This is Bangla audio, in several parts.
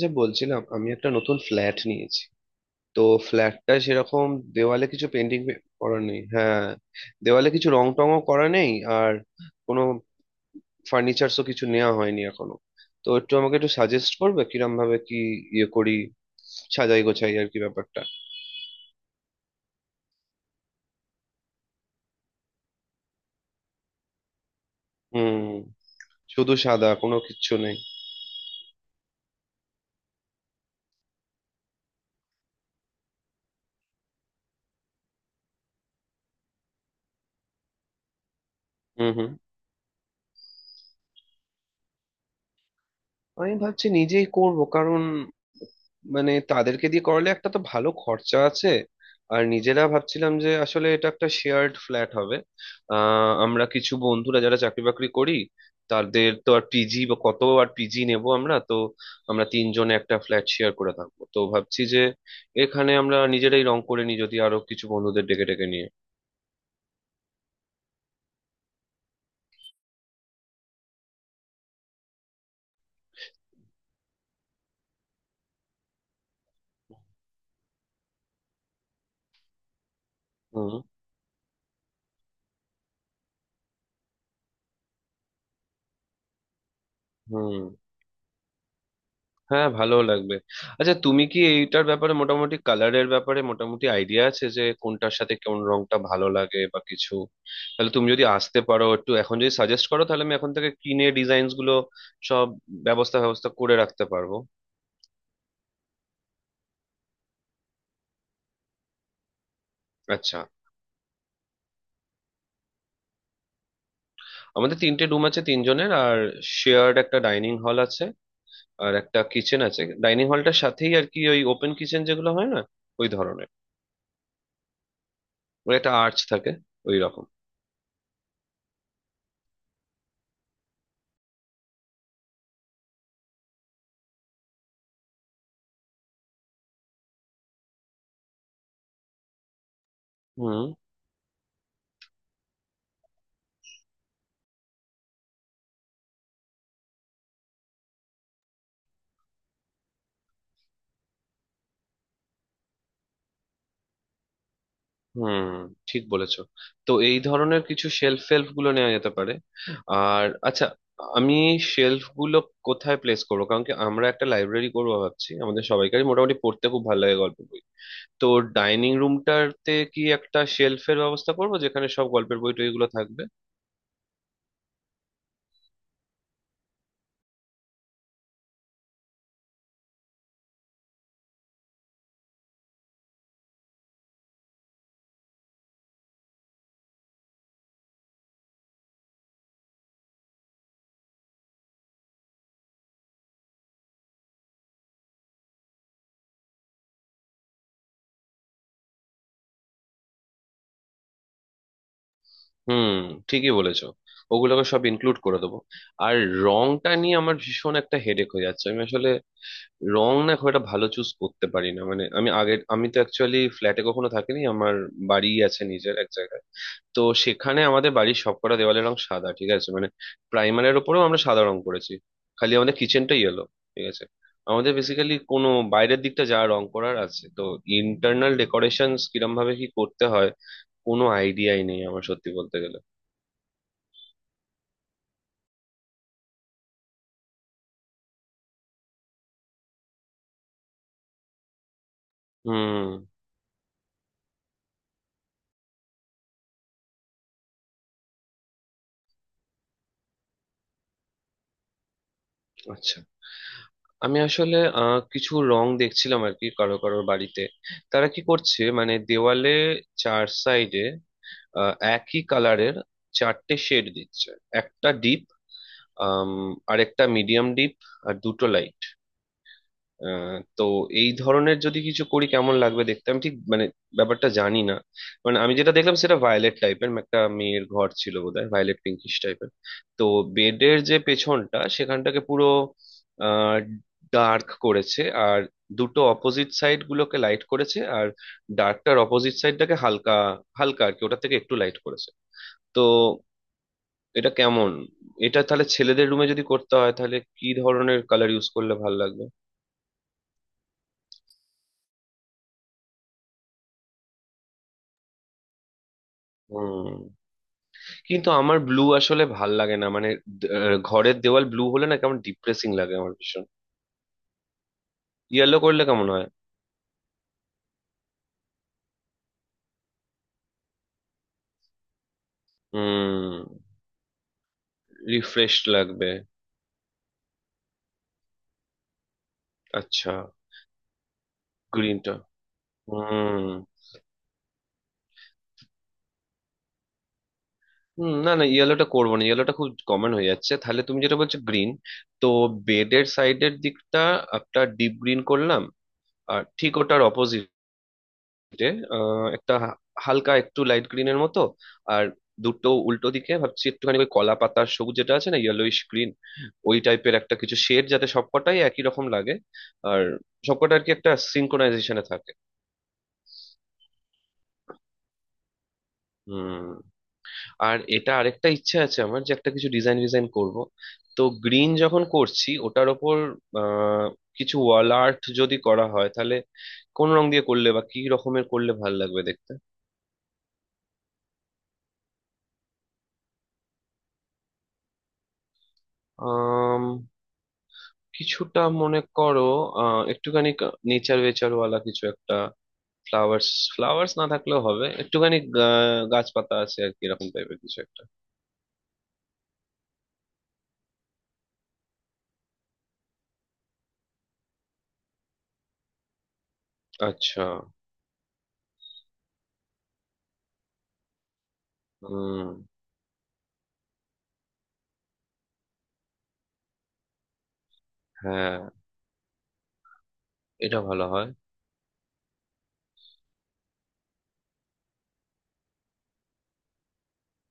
যে বলছিলাম আমি একটা নতুন ফ্ল্যাট নিয়েছি, তো ফ্ল্যাটটা সেরকম দেওয়ালে কিছু পেন্টিং করা নেই। হ্যাঁ, দেওয়ালে কিছু রং টংও করা নেই, আর কোনো ফার্নিচারসও কিছু নেওয়া হয়নি এখনো। তো একটু আমাকে একটু সাজেস্ট করবে কিরম ভাবে কি ইয়ে করি, সাজাই গোছাই আর কি ব্যাপারটা। হুম, শুধু সাদা কোনো কিচ্ছু নেই। হুম হুম, আমি ভাবছি নিজেই করব, কারণ মানে তাদেরকে দিয়ে করলে একটা তো ভালো খরচা আছে। আর নিজেরা ভাবছিলাম যে আসলে এটা একটা শেয়ার্ড ফ্ল্যাট হবে। আমরা কিছু বন্ধুরা যারা চাকরি বাকরি করি, তাদের তো আর পিজি বা কত আর পিজি নেব আমরা তো। আমরা তিনজনে একটা ফ্ল্যাট শেয়ার করে থাকবো, তো ভাবছি যে এখানে আমরা নিজেরাই রং করে নিই, যদি আরো কিছু বন্ধুদের ডেকে ডেকে নিয়ে। হুম হুম, হ্যাঁ ভালো লাগবে। আচ্ছা, তুমি কি এইটার ব্যাপারে মোটামুটি কালারের ব্যাপারে মোটামুটি আইডিয়া আছে যে কোনটার সাথে কোন রংটা ভালো লাগে বা কিছু? তাহলে তুমি যদি আসতে পারো একটু, এখন যদি সাজেস্ট করো তাহলে আমি এখন থেকে কিনে ডিজাইনস গুলো সব ব্যবস্থা ব্যবস্থা করে রাখতে পারবো। আচ্ছা, আমাদের তিনটে রুম আছে তিনজনের, আর শেয়ার্ড একটা ডাইনিং হল আছে। আর একটা কিচেন আছে ডাইনিং হলটার সাথেই, আর কি ওই ওপেন কিচেন যেগুলো হয় না, ওই ধরনের। ওই একটা আর্চ থাকে, ওই রকম। হুম হুম, ঠিক বলেছো। তো এই ধরনের কিছু শেলফ ফেলফ গুলো নেওয়া যেতে পারে। আর আচ্ছা, আমি শেলফ গুলো কোথায় প্লেস করবো? কারণ কি আমরা একটা লাইব্রেরি করবো ভাবছি, আমাদের সবাইকারই মোটামুটি পড়তে খুব ভালো লাগে, গল্পের বই। তো ডাইনিং রুমটাতে কি একটা শেলফের ব্যবস্থা করবো, যেখানে সব গল্পের বই টইগুলো থাকবে। হুম, ঠিকই বলেছো, ওগুলোকে সব ইনক্লুড করে দেবো। আর রংটা নিয়ে আমার ভীষণ একটা হেডেক হয়ে যাচ্ছে। আমি আসলে রং না খুব একটা ভালো চুজ করতে পারি না। মানে আমি তো অ্যাকচুয়ালি ফ্ল্যাটে কখনো থাকিনি, আমার বাড়ি আছে নিজের এক জায়গায়। তো সেখানে আমাদের বাড়ির সবকটা দেওয়ালের রং সাদা, ঠিক আছে, মানে প্রাইমারের ওপরেও আমরা সাদা রং করেছি, খালি আমাদের কিচেনটাই ইয়েলো। ঠিক আছে, আমাদের বেসিক্যালি কোনো বাইরের দিকটা যা রং করার আছে তো, ইন্টারনাল ডেকোরেশন কিরম ভাবে কি করতে হয় কোনো আইডিয়াই নেই আমার, সত্যি বলতে গেলে। হুম, আচ্ছা, আমি আসলে কিছু রং দেখছিলাম আর কি কারো কারো বাড়িতে। তারা কি করছে মানে দেওয়ালে চার সাইডে একই কালারের চারটে শেড দিচ্ছে। একটা ডিপ, আরেকটা মিডিয়াম ডিপ, আর দুটো লাইট। তো এই ধরনের যদি কিছু করি কেমন লাগবে দেখতে? আমি ঠিক মানে ব্যাপারটা জানি না। মানে আমি যেটা দেখলাম সেটা ভায়োলেট টাইপের, একটা মেয়ের ঘর ছিল বোধহয়, ভায়োলেট পিঙ্কিশ টাইপের। তো বেডের যে পেছনটা সেখানটাকে পুরো আহ ডার্ক করেছে। আর দুটো অপোজিট সাইড গুলোকে লাইট করেছে, আর ডার্কটার অপোজিট সাইডটাকে হালকা, হালকা আর কি, ওটা থেকে একটু লাইট করেছে। তো এটা কেমন? এটা তাহলে ছেলেদের রুমে যদি করতে হয় তাহলে কি ধরনের কালার ইউজ করলে ভালো লাগবে? হুম, কিন্তু আমার ব্লু আসলে ভাল লাগে না। মানে ঘরের দেওয়াল ব্লু হলে না কেমন ডিপ্রেসিং লাগে আমার ভীষণ। ইয়েলো করলে কেমন হয়? হুম, রিফ্রেশ লাগবে। আচ্ছা, গ্রিনটা, হুম। হুম, না না, ইয়েলোটা করবো না, ইয়েলোটা খুব কমন হয়ে যাচ্ছে। তাহলে তুমি যেটা বলছো, গ্রিন। তো বেডের সাইডের দিকটা একটা ডিপ গ্রিন করলাম। আর ঠিক ওটার অপোজিট যে একটা হালকা, একটু লাইট গ্রিনের মতো। আর দুটো উল্টো দিকে ভাবছি একটুখানি ওই কলা পাতার সবুজ যেটা আছে না, ইয়েলোইশ গ্রিন। ওই টাইপের একটা কিছু শেড, যাতে সবকটাই একই রকম লাগে, আর সবকটা আর কি একটা সিনক্রোনাইজেশনে থাকে। হুম, আর এটা আরেকটা ইচ্ছে আছে আমার, যে একটা কিছু ডিজাইন ডিজাইন করব। তো গ্রিন যখন করছি ওটার ওপর আহ, কিছু ওয়াল আর্ট যদি করা হয় তাহলে কোন রং দিয়ে করলে বা কি রকমের করলে ভাল লাগবে দেখতে? কিছুটা মনে করো একটুখানি নেচার ওয়েচার ওয়ালা কিছু একটা। ফ্লাওয়ার্স, ফ্লাওয়ার্স না থাকলেও হবে, একটুখানি গাছপাতা আছে আর কি, এরকম টাইপের কিছু একটা। আচ্ছা, হুম, হ্যাঁ এটা ভালো হয়।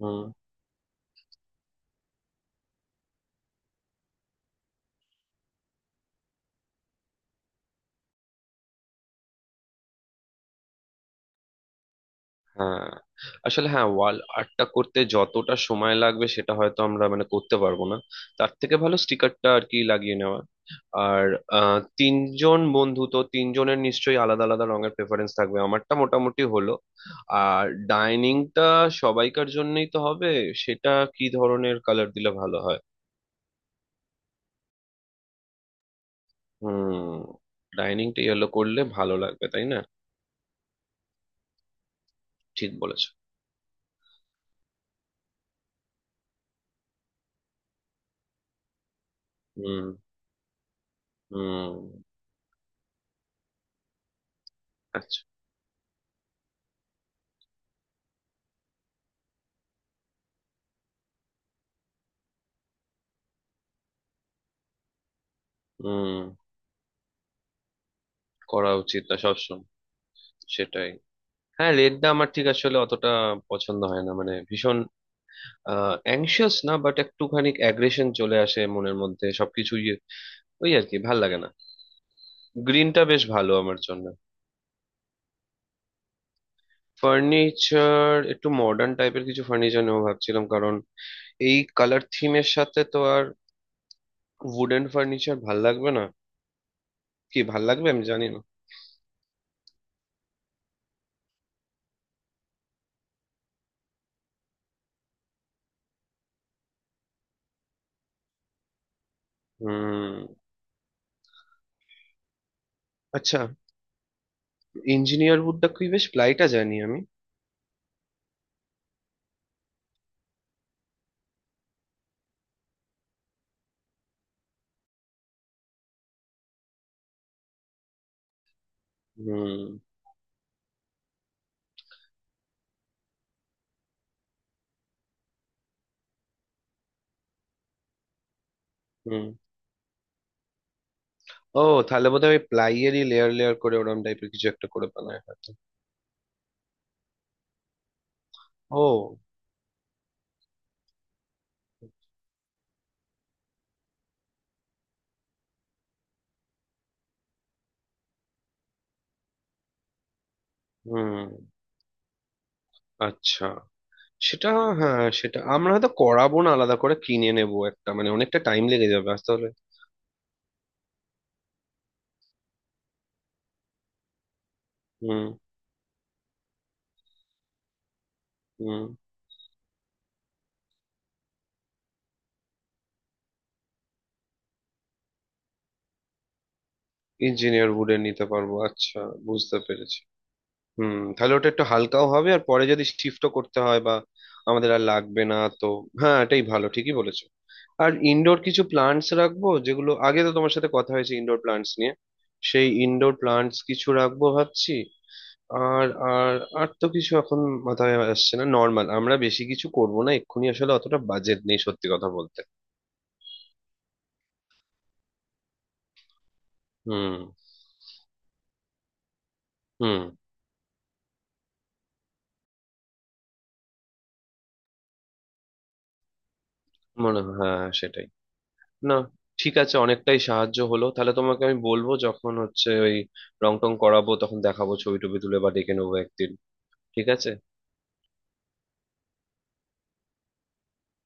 হুম, হ্যাঁ আসলে, হ্যাঁ ওয়াল আর্টটা করতে যতটা সময় লাগবে সেটা হয়তো আমরা মানে করতে পারবো না। তার থেকে ভালো স্টিকারটা আর কি লাগিয়ে নেওয়া। আর তিনজন বন্ধু তো, তিনজনের নিশ্চয়ই আলাদা আলাদা রঙের প্রেফারেন্স থাকবে, আমারটা মোটামুটি হলো। আর ডাইনিংটা সবাইকার জন্যই তো হবে। সেটা কি ধরনের কালার দিলে ভালো হয়? হুম, ডাইনিংটা ইয়েলো করলে ভালো লাগবে তাই না? ঠিক বলেছো। হুম হুম। আচ্ছা। হুম, করা উচিত না সবসময়। সেটাই। হ্যাঁ, লেটদা আমার ঠিক আসলে অতটা পছন্দ হয় না, মানে ভীষণ অ্যাংশিয়াস না বাট একটুখানি অ্যাগ্রেশন চলে আসে মনের মধ্যে সবকিছুই। ওই আর কি ভাল লাগে না। গ্রিনটা বেশ ভালো আমার জন্য। ফার্নিচার একটু মডার্ন টাইপের কিছু ফার্নিচার নেবো ভাবছিলাম, কারণ এই কালার থিমের সাথে তো আর উডেন ফার্নিচার ভাল লাগবে না। কি ভাল লাগবে আমি জানি না। হুম, আচ্ছা, ইঞ্জিনিয়ার উডটা কি বেশ? প্লাইটা জানি আমি। হুম হুম। ও, তাহলে বোধহয় ওই প্লাইয়েরই লেয়ার লেয়ার করে ওরম টাইপের কিছু একটা করে বানায় হয়তো। ও। হুম, আচ্ছা। সেটা, হ্যাঁ সেটা আমরা হয়তো করাবো না, আলাদা করে কিনে নেবো একটা, মানে অনেকটা টাইম লেগে যাবে আসতে হলে। হুম হুম, ইঞ্জিনিয়ার উডেন নিতে পারবো, আচ্ছা, বুঝতে পেরেছি। হুম, তাহলে ওটা একটু হালকাও হবে, আর পরে যদি শিফটও করতে হয় বা আমাদের আর লাগবে না তো। হ্যাঁ, এটাই ভালো, ঠিকই বলেছো। আর ইনডোর কিছু প্লান্টস রাখবো, যেগুলো আগে তো তোমার সাথে কথা হয়েছে ইনডোর প্লান্টস নিয়ে। সেই ইনডোর প্লান্টস কিছু রাখবো ভাবছি। আর আর আর তো কিছু এখন মাথায় আসছে না। নর্মাল, আমরা বেশি কিছু করব না এক্ষুনি, আসলে অতটা বাজেট নেই সত্যি কথা বলতে। হুম হুম, মনে হয় হ্যাঁ সেটাই। না, ঠিক আছে, অনেকটাই সাহায্য হলো। তাহলে তোমাকে আমি বলবো, যখন হচ্ছে ওই রং টং করাবো তখন দেখাবো ছবি টবি তুলে, বা ডেকে নেবো একদিন। ঠিক আছে।